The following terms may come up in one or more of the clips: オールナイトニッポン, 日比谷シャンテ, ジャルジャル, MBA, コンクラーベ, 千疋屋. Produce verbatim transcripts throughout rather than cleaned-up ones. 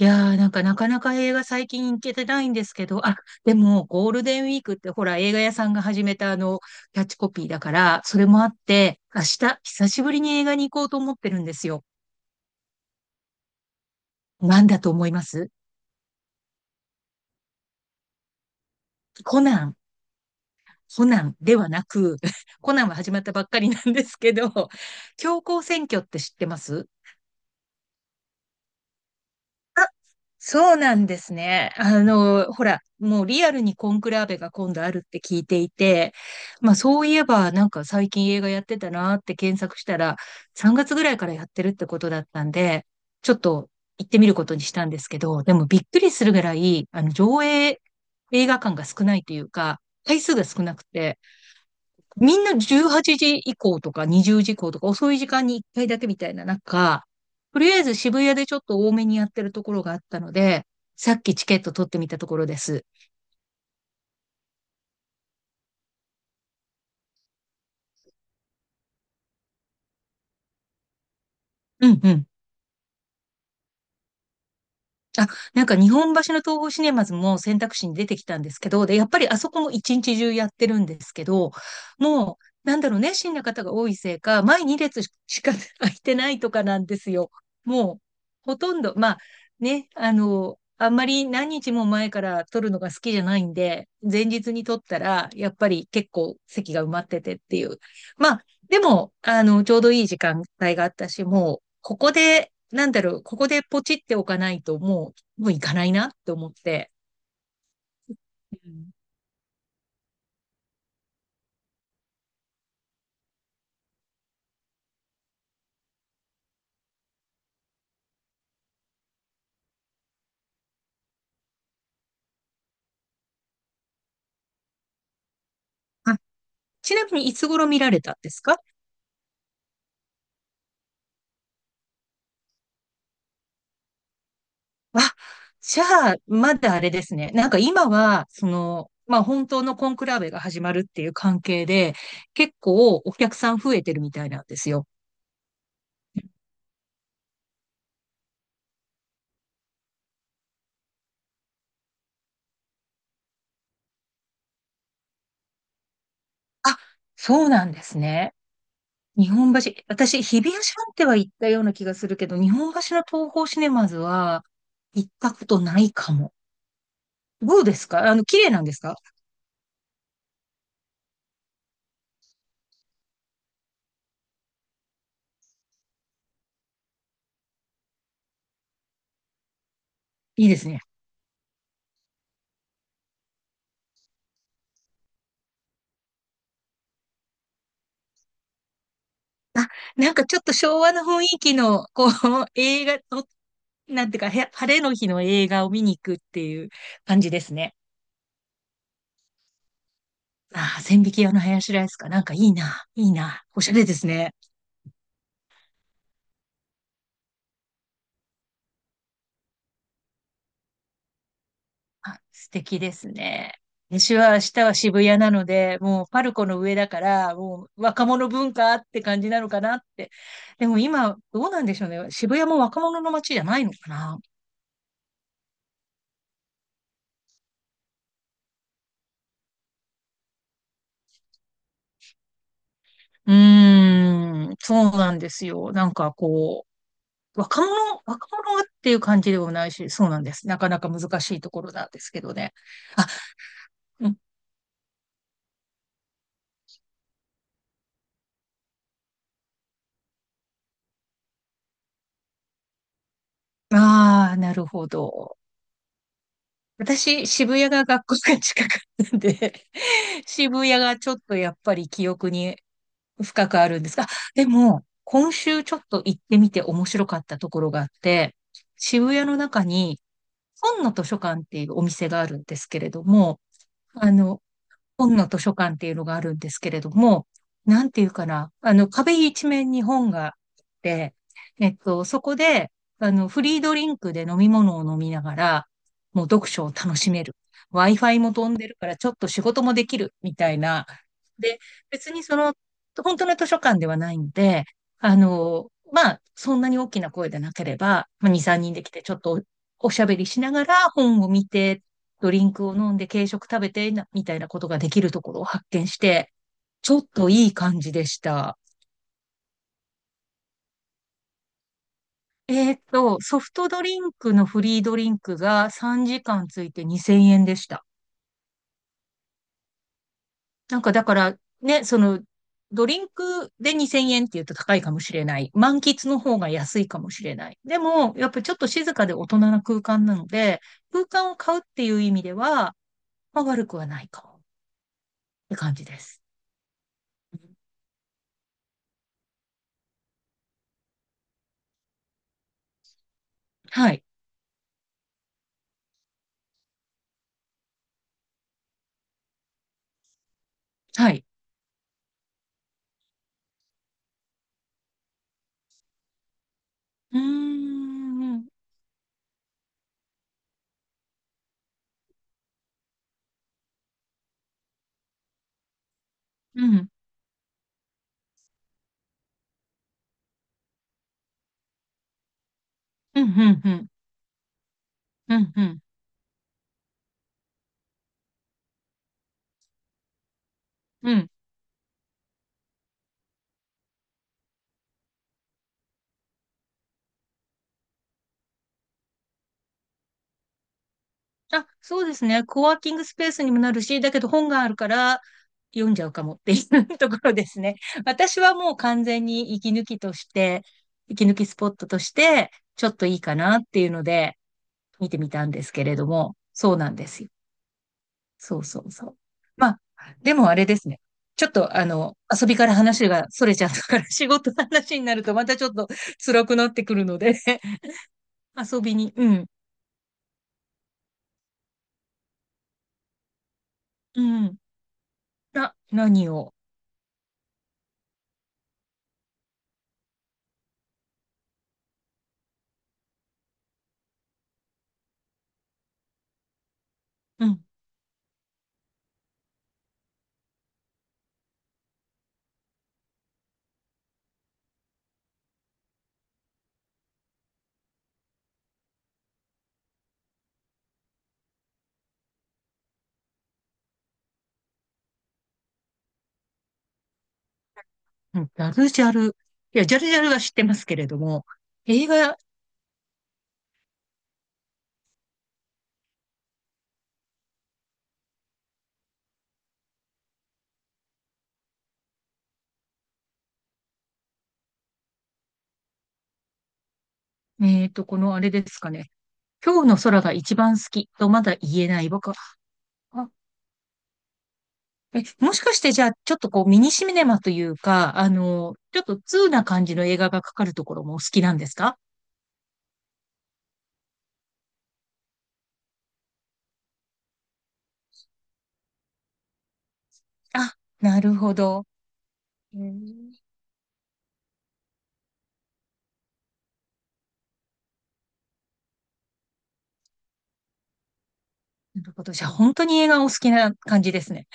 いやー、なんかなかなか映画最近行けてないんですけど、あ、でもゴールデンウィークってほら映画屋さんが始めたあのキャッチコピーだから、それもあって、明日久しぶりに映画に行こうと思ってるんですよ。なんだと思いますコナン、コナンではなく、コナンは始まったばっかりなんですけど、強行選挙って知ってますそうなんですね。あの、ほら、もうリアルにコンクラーベが今度あるって聞いていて、まあそういえばなんか最近映画やってたなって検索したら、さんがつぐらいからやってるってことだったんで、ちょっと行ってみることにしたんですけど、でもびっくりするぐらい、あの、上映映画館が少ないというか、回数が少なくて、みんなじゅうはちじ以降とかにじゅうじ以降とか遅い時間にいっかいだけみたいな中、とりあえず渋谷でちょっと多めにやってるところがあったので、さっきチケット取ってみたところです。うんうん。あ、なんか日本橋の東宝シネマズも選択肢に出てきたんですけど、で、やっぱりあそこも一日中やってるんですけど、もう、なんだろうね、熱心な方が多いせいか、前に列しか 空いてないとかなんですよ。もう、ほとんど、まあ、ね、あの、あんまり何日も前から撮るのが好きじゃないんで、前日に撮ったら、やっぱり結構席が埋まっててっていう。まあ、でも、あの、ちょうどいい時間帯があったし、もう、ここで、なんだろう、ここでポチっておかないと、もう、もう行かないなって思って。うんあ、ちなみにいつ頃見られたんですかあ、じゃあ、まだあれですね。なんか今は、その、まあ本当のコンクラーベが始まるっていう関係で、結構お客さん増えてるみたいなんですよ。あ、そうなんですね。日本橋、私、日比谷シャンテは行ったような気がするけど、日本橋の東宝シネマズは行ったことないかも。どうですかあの、綺麗なんですかいいですね。あ、なんかちょっと昭和の雰囲気の、こう、映画の、なんていうか、へ晴れの日の映画を見に行くっていう感じですね。ああ、千疋屋の林ライスか。なんかいいな、いいな。おしゃれですね。あ、素敵ですね。私は明日は渋谷なので、もうパルコの上だから、もう若者文化って感じなのかなって。でも今、どうなんでしょうね。渋谷も若者の街じゃないのかな。うーん、そうなんですよ。なんかこう、若者、若者っていう感じでもないし、そうなんです。なかなか難しいところなんですけどね。あ、うん、ああ、なるほど。私、渋谷が学校が近かったんで、渋谷がちょっとやっぱり記憶に深くあるんですが、でも、今週ちょっと行ってみて面白かったところがあって、渋谷の中に、本の図書館っていうお店があるんですけれども、あの、本の図書館っていうのがあるんですけれども、なんていうかな、あの、壁一面に本があって、えっと、そこで、あの、フリードリンクで飲み物を飲みながら、もう読書を楽しめる。ワイファイ も飛んでるから、ちょっと仕事もできる、みたいな、で、別にその、本当の図書館ではないんで、あの、まあ、そんなに大きな声でなければ、まあ、に、さんにんで来て、ちょっとおおしゃべりしながら本を見て、ドリンクを飲んで、軽食食べてな、みたいなことができるところを発見して、ちょっといい感じでした。えーっと、ソフトドリンクのフリードリンクがさんじかんついてにせんえんでした。なんかだからね、その、ドリンクでにせんえんって言うと高いかもしれない。満喫の方が安いかもしれない。でも、やっぱちょっと静かで大人な空間なので、空間を買うっていう意味では、まあ、悪くはないかもって感じです。はい。はい。うーん。うん。うん。うん。うん。うん。うん。うんあ、そうですね。コワーキングスペースにもなるし、だけど本があるから、読んじゃうかもっていうところですね。私はもう完全に息抜きとして、息抜きスポットとして、ちょっといいかなっていうので、見てみたんですけれども、そうなんですよ。そうそうそう。まあ、でもあれですね。ちょっとあの、遊びから話が逸れちゃったから、仕事の話になるとまたちょっと辛くなってくるので 遊びに、うん、うん、な、何を、うん、うんジャルジャル。いや、ジャルジャルは知ってますけれども、映画えっと、このあれですかね。今日の空が一番好きとまだ言えない僕は。あえ、もしかしてじゃあ、ちょっとこうミニシネマというか、あの、ちょっと通な感じの映画がかかるところもお好きなんですかあ、なるほど。うんなるほど。じゃあ、本当に映画お好きな感じですね。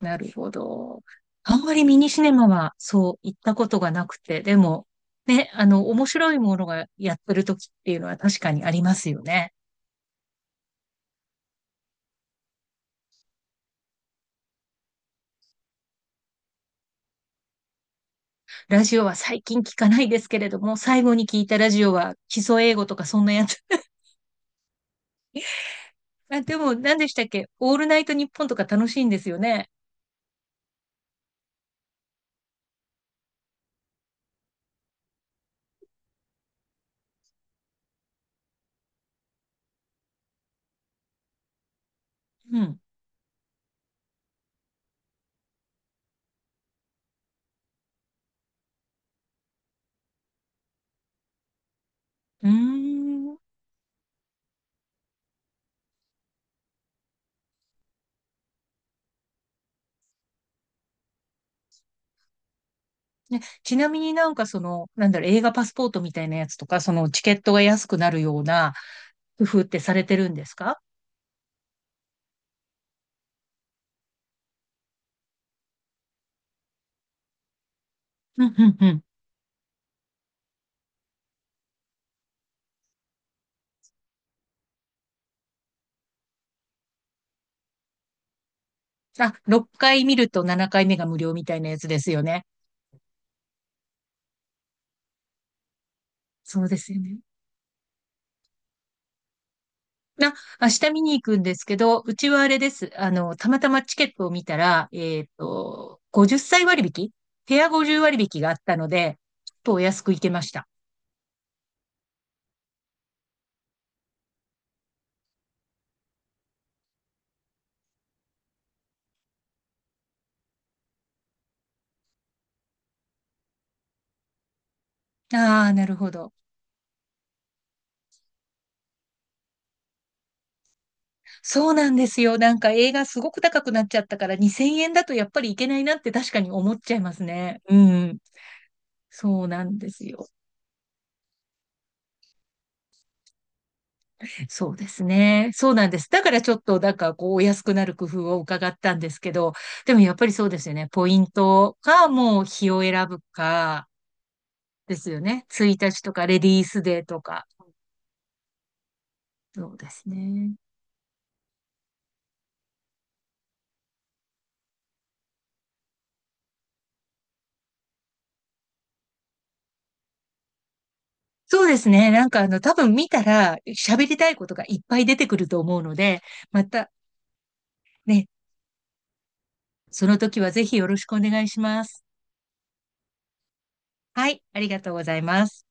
なるほど。あんまりミニシネマはそう行ったことがなくて、でも、ね、あの、面白いものがやってる時っていうのは確かにありますよね。ラジオは最近聞かないですけれども、最後に聞いたラジオは基礎英語とかそんなやつ。あ、でも何でしたっけオールナイトニッポンとか楽しいんですよね。うん。うーん。ちなみになんかその、なんだろう、映画パスポートみたいなやつとか、そのチケットが安くなるような工夫ってされてるんですかうんうんうん。あ、ろっかい見るとななかいめが無料みたいなやつですよね。そうですよね。な、明日見に行くんですけど、うちはあれです。あの、たまたまチケットを見たら、えっと、ごじゅっさい割引ペアごじゅう割引があったので、ちょっとお安く行けました。ああ、なるほど。そうなんですよ。なんか映画すごく高くなっちゃったからにせんえんだとやっぱりいけないなって確かに思っちゃいますね。うん。そうなんですよ。そうですね。そうなんです。だからちょっと、なんかこう、お安くなる工夫を伺ったんですけど、でもやっぱりそうですよね。ポイントか、もう日を選ぶか、ですよね。ついたちとかレディースデーとか。そうですね。そうですね。なんかあの、多分見たら喋りたいことがいっぱい出てくると思うので、またね、その時はぜひよろしくお願いします。はい、ありがとうございます。